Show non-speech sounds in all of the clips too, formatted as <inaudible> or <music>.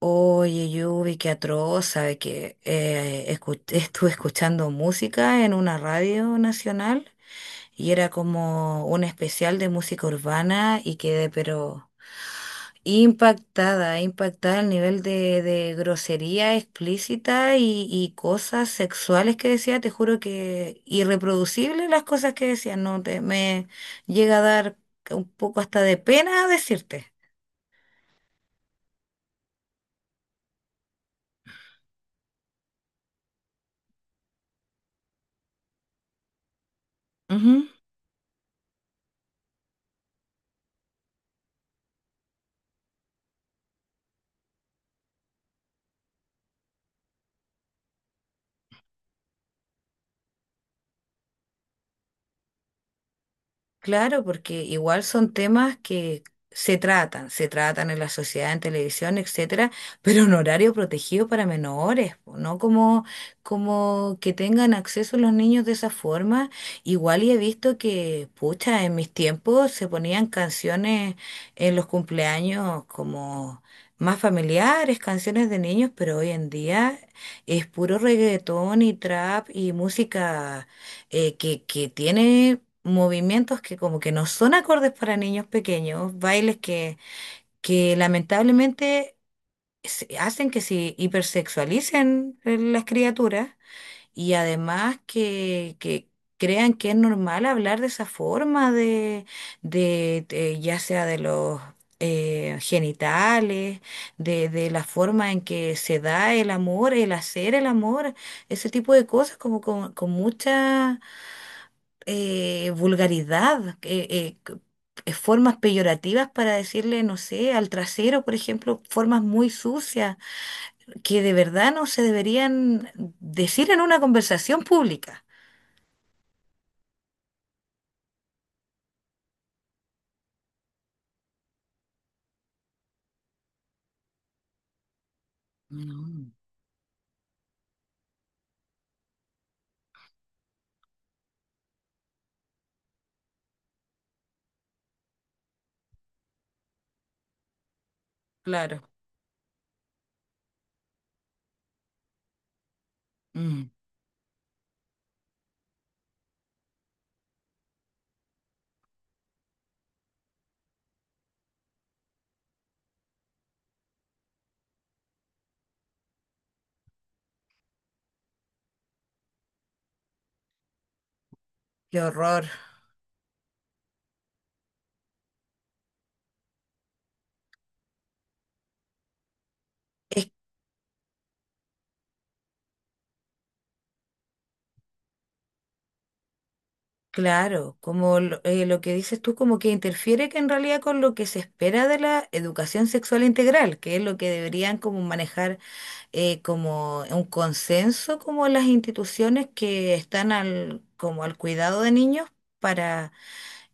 Oye, Yubi, qué atroz, sabe que <laughs> estuve escuchando música en una radio nacional y era como un especial de música urbana y quedé pero impactada, impactada al nivel de grosería explícita y cosas sexuales que decía, te juro que irreproducible las cosas que decía, no te, me llega a dar un poco hasta de pena decirte. Claro, porque igual son temas que se tratan en la sociedad, en televisión, etcétera, <laughs> pero en horario protegido para menores, po, no como, como que tengan acceso los niños de esa forma. Igual y he visto que, pucha, en mis tiempos se ponían canciones en los cumpleaños como más familiares, canciones de niños, pero hoy en día es puro reggaetón y trap y música que tiene movimientos que como que no son acordes para niños pequeños, bailes que lamentablemente hacen que se hipersexualicen las criaturas y además que crean que es normal hablar de esa forma de ya sea de los genitales, de la forma en que se da el amor, el hacer el amor, ese tipo de cosas como con mucha vulgaridad, formas peyorativas para decirle, no sé, al trasero, por ejemplo, formas muy sucias que de verdad no se deberían decir en una conversación pública. No. Claro. Mm. Qué horror. Es claro, como lo que dices tú, como que interfiere que en realidad con lo que se espera de la educación sexual integral, que es lo que deberían como manejar como un consenso como las instituciones que están como al cuidado de niños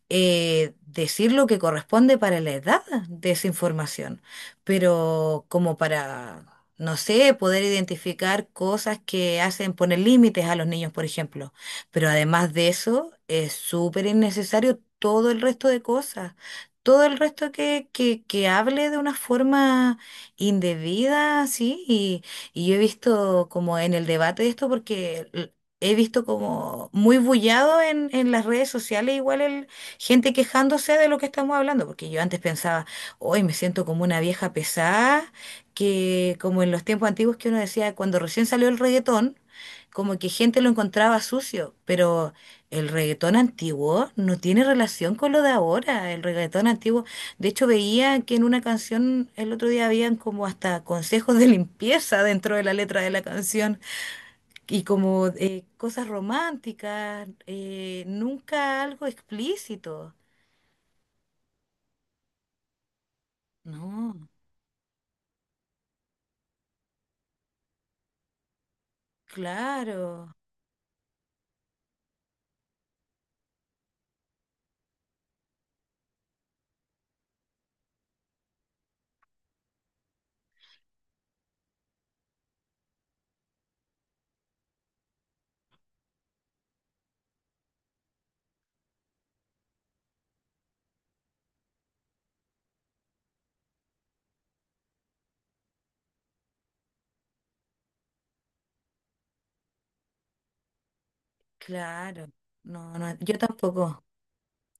decir lo que corresponde para la edad de esa información, pero como para, no sé, poder identificar cosas que hacen poner límites a los niños, por ejemplo. Pero además de eso, es súper innecesario todo el resto de cosas. Todo el resto que hable de una forma indebida, sí, y yo he visto como en el debate de esto, he visto como muy bullado en las redes sociales igual. Gente quejándose de lo que estamos hablando, porque yo antes pensaba, hoy me siento como una vieja pesada, que como en los tiempos antiguos que uno decía, cuando recién salió el reggaetón, como que gente lo encontraba sucio, pero el reggaetón antiguo no tiene relación con lo de ahora, el reggaetón antiguo, de hecho veía que en una canción el otro día habían como hasta consejos de limpieza dentro de la letra de la canción y como cosas románticas, nunca algo explícito. No, claro, claro. No, no, yo tampoco.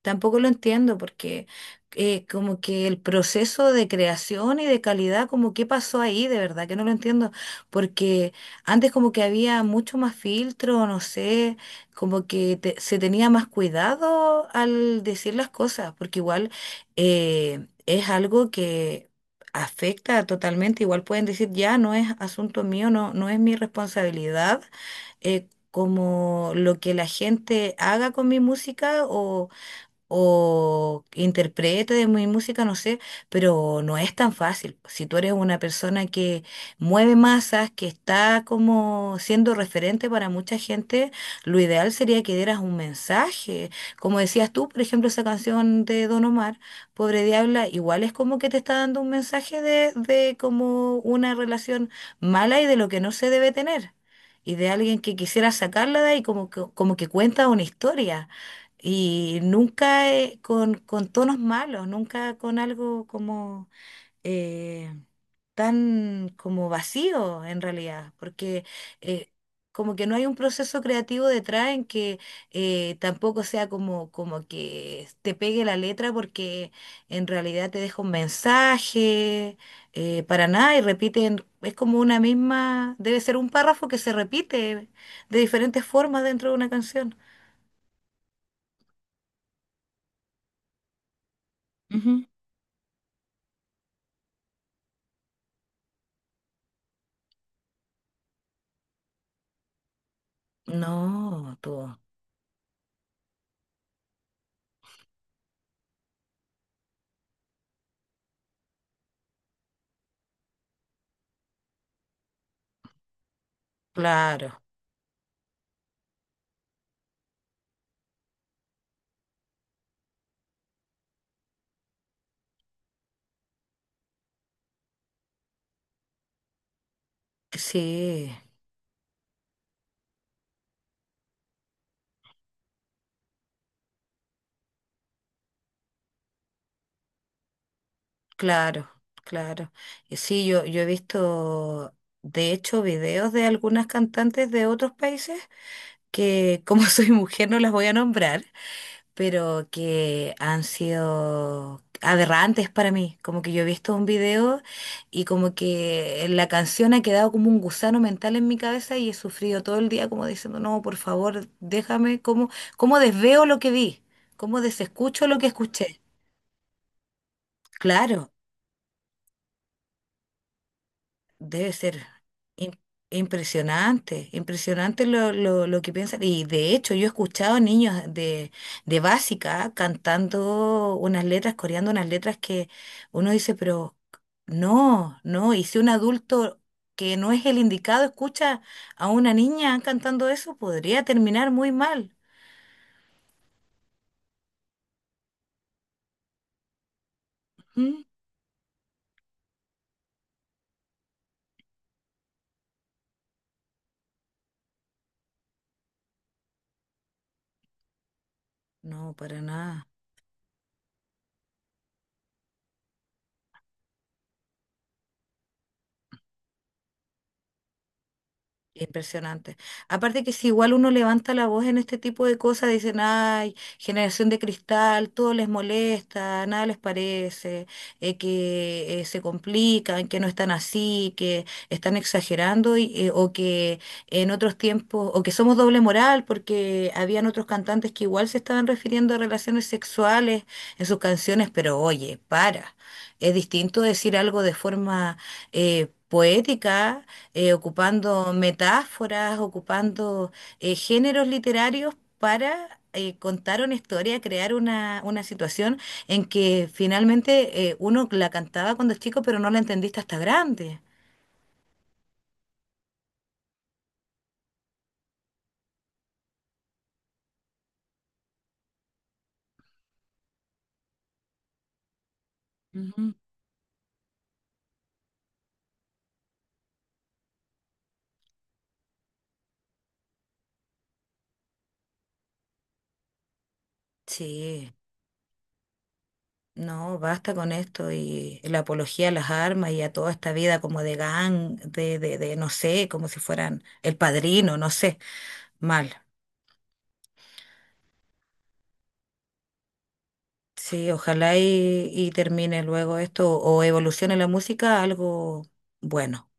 Tampoco lo entiendo porque como que el proceso de creación y de calidad, como qué pasó ahí, de verdad que no lo entiendo, porque antes como que había mucho más filtro, no sé, se tenía más cuidado al decir las cosas, porque igual es algo que afecta totalmente, igual pueden decir, ya no es asunto mío, no, no es mi responsabilidad como lo que la gente haga con mi música o que interprete de mi música, no sé, pero no es tan fácil. Si tú eres una persona que mueve masas, que está como siendo referente para mucha gente, lo ideal sería que dieras un mensaje. Como decías tú, por ejemplo, esa canción de Don Omar, Pobre Diabla, igual es como que te está dando un mensaje de como una relación mala y de lo que no se debe tener. Y de alguien que quisiera sacarla de ahí, como que cuenta una historia. Y nunca con tonos malos, nunca con algo como eh, tan como vacío en realidad, porque eh, como que no hay un proceso creativo detrás en que tampoco sea como que te pegue la letra porque en realidad te deja un mensaje, para nada, y repiten, es como una misma, debe ser un párrafo que se repite de diferentes formas dentro de una canción. No, tú, claro, sí, claro, claro. Y sí, yo he visto, de hecho, videos de algunas cantantes de otros países que como <laughs> soy mujer no las voy a nombrar, pero que han sido aberrantes para mí. Como que yo he visto un video y como que la canción ha quedado como un gusano mental en mi cabeza y he sufrido todo el día como diciendo, no, por favor, déjame, ¿cómo, cómo desveo lo que vi? ¿Cómo desescucho lo que escuché? Claro. Debe ser im- impresionante, impresionante lo que piensan. Y de hecho, yo he escuchado niños de básica cantando unas letras, coreando unas letras que uno dice, pero no, no. Y si un adulto que no es el indicado escucha a una niña cantando eso, podría terminar muy mal. ¿Mm? No, para nada. Impresionante. Aparte que si igual uno levanta la voz en este tipo de cosas, dicen, ay, generación de cristal, todo les molesta, nada les parece, que se complican, que no están así, que están exagerando o que en otros tiempos, o que somos doble moral, porque habían otros cantantes que igual se estaban refiriendo a relaciones sexuales en sus canciones, pero oye, para. Es distinto decir algo de forma poética ocupando metáforas, ocupando géneros literarios para contar una historia, crear una situación en que finalmente uno la cantaba cuando es chico, pero no la entendiste hasta grande. Ujú. Sí, no, basta con esto y la apología a las armas y a toda esta vida como de gang, de no sé, como si fueran el padrino, no sé, mal. Sí, ojalá y termine luego esto o evolucione la música a algo bueno.